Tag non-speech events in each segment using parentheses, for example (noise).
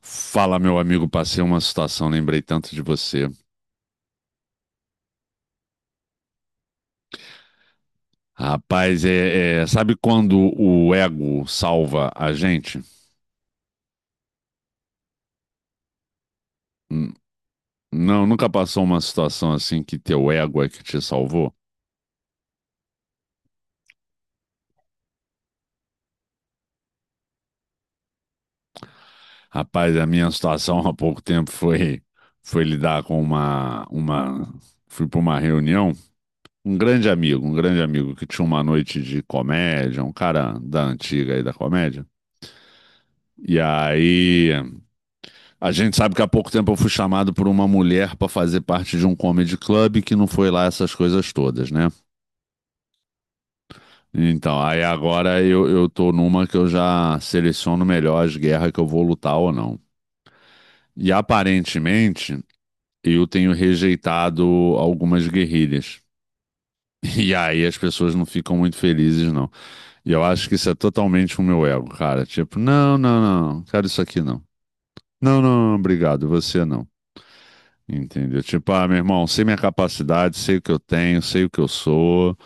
Fala, meu amigo, passei uma situação, lembrei tanto de você. Rapaz, sabe quando o ego salva a gente? Hum. Não, nunca passou uma situação assim que teu ego é que te salvou? Rapaz, a minha situação há pouco tempo foi foi lidar com uma fui para uma reunião, um grande amigo que tinha uma noite de comédia, um cara da antiga aí da comédia. E aí a gente sabe que há pouco tempo eu fui chamado por uma mulher para fazer parte de um comedy club que não foi lá essas coisas todas, né? Então, aí agora eu tô numa que eu já seleciono melhor as guerras que eu vou lutar ou não. E aparentemente eu tenho rejeitado algumas guerrilhas. (laughs) E aí as pessoas não ficam muito felizes, não. E eu acho que isso é totalmente o meu ego, cara. Tipo, não, não, não, quero isso aqui não. Não, não, não, obrigado, você não. Entendeu? Tipo, ah, meu irmão, sei minha capacidade, sei o que eu tenho, sei o que eu sou,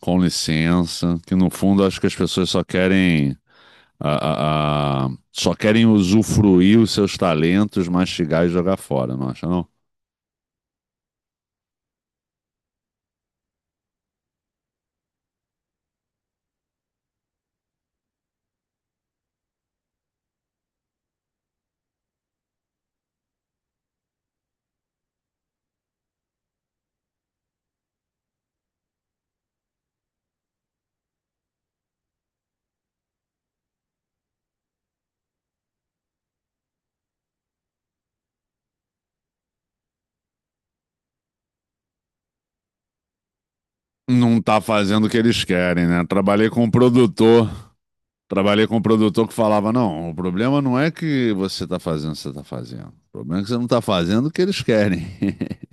com licença. Que no fundo acho que as pessoas só querem só querem usufruir os seus talentos, mastigar e jogar fora, não acha, não? Não tá fazendo o que eles querem, né? Trabalhei com um produtor, trabalhei com um produtor que falava, não, o problema não é que você tá fazendo o que você tá fazendo. O problema é que você não tá fazendo o que eles querem. (laughs)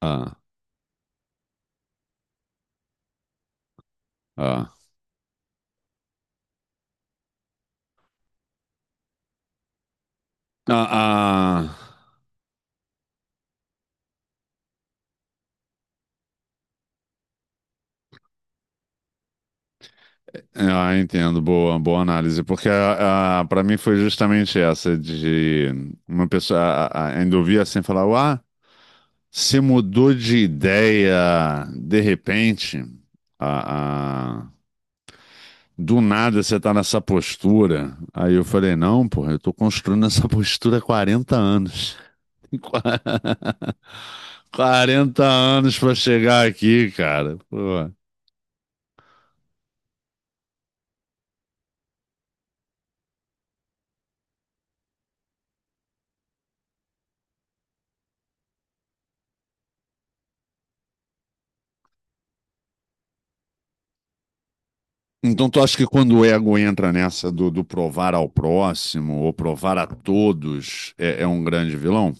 Ah, ah, ah. Ah, ah, ah, entendo, boa, boa análise, porque a, para mim foi justamente essa de uma pessoa ainda ouvir assim falar, ah, você mudou de ideia de repente, a, a- do nada você tá nessa postura. Aí eu falei, não, porra, eu tô construindo essa (laughs) postura há 40 anos. (laughs) Tem qua- 40 anos pra chegar aqui, cara. Pô. Então tu acha que quando o ego entra nessa do, do provar ao próximo ou provar a todos, é um grande vilão?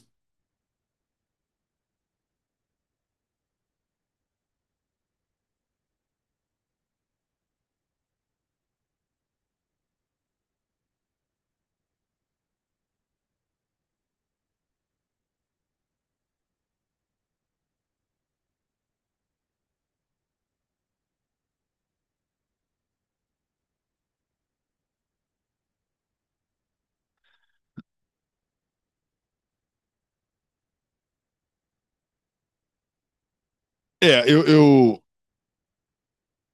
É, eu, eu...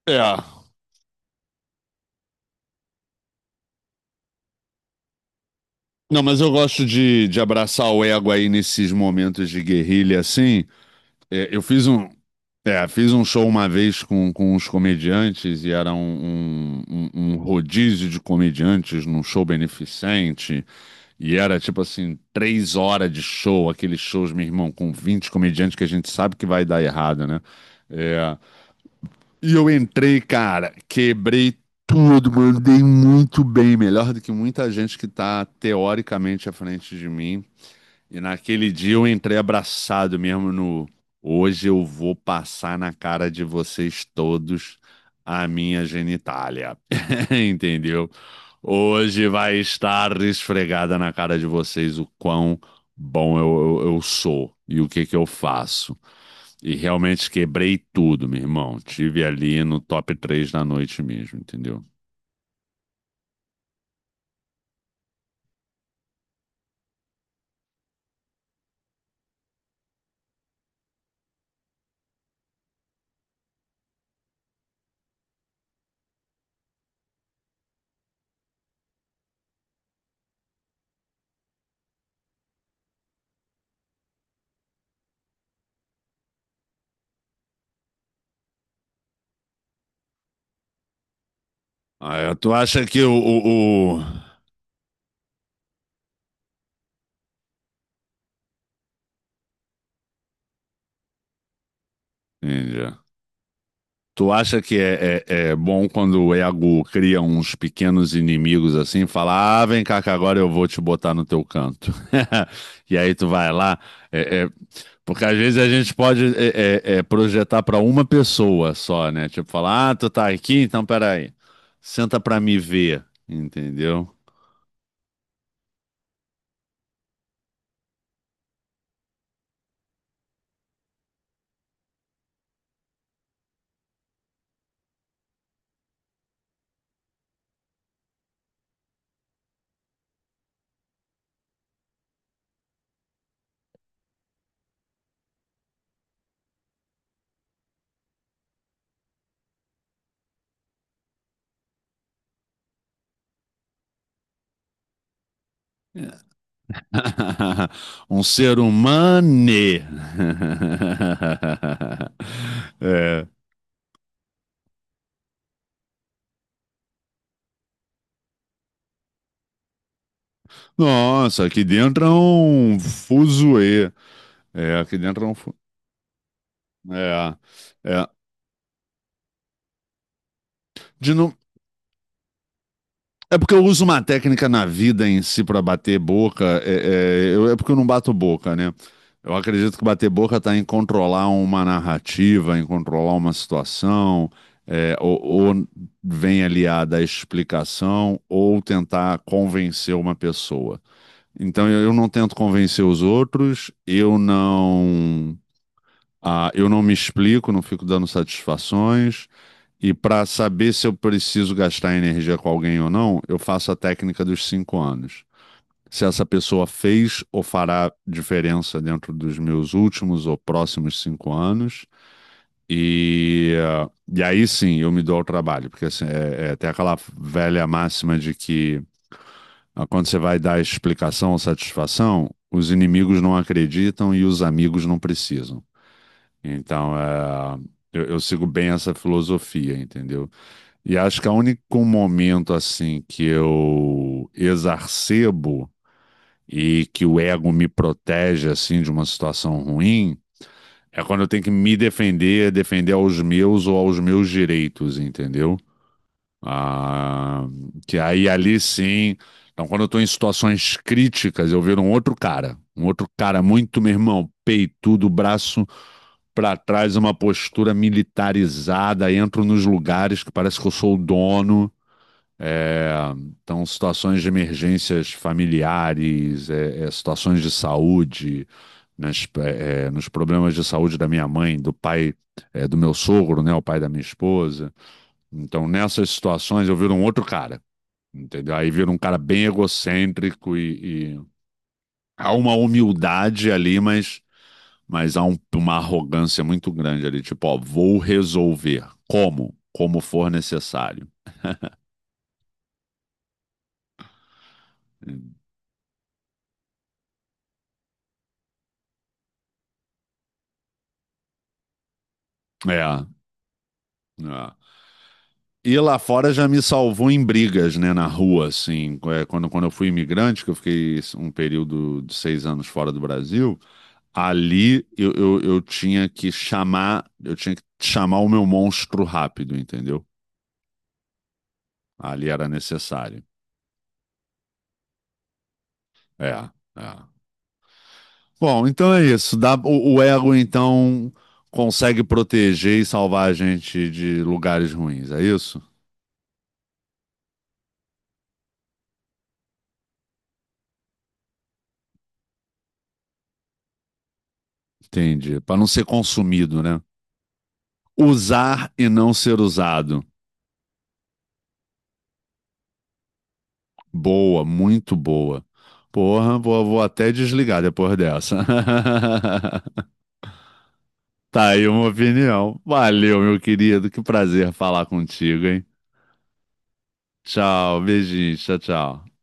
É. Não, mas eu gosto de abraçar o ego aí nesses momentos de guerrilha, assim. É, eu fiz um, é, fiz um show uma vez com uns comediantes e era um rodízio de comediantes num show beneficente. E era tipo assim, três horas de show, aqueles shows, meu irmão, com 20 comediantes que a gente sabe que vai dar errado, né? É. E eu entrei, cara, quebrei tudo, mandei muito bem, melhor do que muita gente que tá teoricamente à frente de mim. E naquele dia eu entrei abraçado mesmo no. Hoje eu vou passar na cara de vocês todos a minha genitália. (laughs) Entendeu? Hoje vai estar esfregada na cara de vocês o quão bom eu sou e o que que eu faço. E realmente quebrei tudo, meu irmão. Tive ali no top 3 da noite mesmo, entendeu? Ah, tu acha que o. O... Entendi. Tu acha que é bom quando o ego cria uns pequenos inimigos assim, fala, ah, vem cá que agora eu vou te botar no teu canto. (laughs) E aí tu vai lá, é, é, porque às vezes a gente pode projetar para uma pessoa só, né? Tipo, falar, ah, tu tá aqui, então peraí, senta pra me ver, entendeu? (laughs) Um ser humano. (laughs) É. Nossa, aqui dentro é um fuzuê. É, aqui dentro é, é. De no... É porque eu uso uma técnica na vida em si para bater boca. É porque eu não bato boca, né? Eu acredito que bater boca está em controlar uma narrativa, em controlar uma situação, é, ou, ou vem aliada à explicação, ou tentar convencer uma pessoa. Então eu não tento convencer os outros, eu não. Ah, eu não me explico, não fico dando satisfações. E para saber se eu preciso gastar energia com alguém ou não, eu faço a técnica dos cinco anos. Se essa pessoa fez ou fará diferença dentro dos meus últimos ou próximos cinco anos. E e aí sim eu me dou ao trabalho, porque assim, tem aquela velha máxima de que ah, quando você vai dar explicação ou satisfação, os inimigos não acreditam e os amigos não precisam. Então, é, eu sigo bem essa filosofia, entendeu? E acho que o único momento assim que eu exarcebo e que o ego me protege assim de uma situação ruim é quando eu tenho que me defender, defender aos meus ou aos meus direitos, entendeu? Ah, que aí ali sim. Então, quando eu estou em situações críticas, eu viro um outro cara muito, meu irmão, peito, do braço para trás uma postura militarizada, entro nos lugares que parece que eu sou o dono. É, então, situações de emergências familiares, situações de saúde, nos problemas de saúde da minha mãe, do pai, é, do meu sogro, né, o pai da minha esposa. Então, nessas situações, eu viro um outro cara, entendeu? Aí viro um cara bem egocêntrico e há uma humildade ali, mas há uma arrogância muito grande ali, tipo, ó, vou resolver. Como? Como for necessário. É, é. E lá fora já me salvou em brigas, né, na rua, assim. É, quando, quando eu fui imigrante, que eu fiquei um período de seis anos fora do Brasil, ali eu tinha que chamar, eu tinha que chamar o meu monstro rápido, entendeu? Ali era necessário. É, é. Bom, então é isso. O ego, então, consegue proteger e salvar a gente de lugares ruins, é isso? Entendi. Para não ser consumido, né? Usar e não ser usado. Boa, muito boa. Porra, vou até desligar depois dessa. (laughs) Tá aí uma opinião. Valeu, meu querido. Que prazer falar contigo, hein? Tchau, beijinho, tchau, tchau.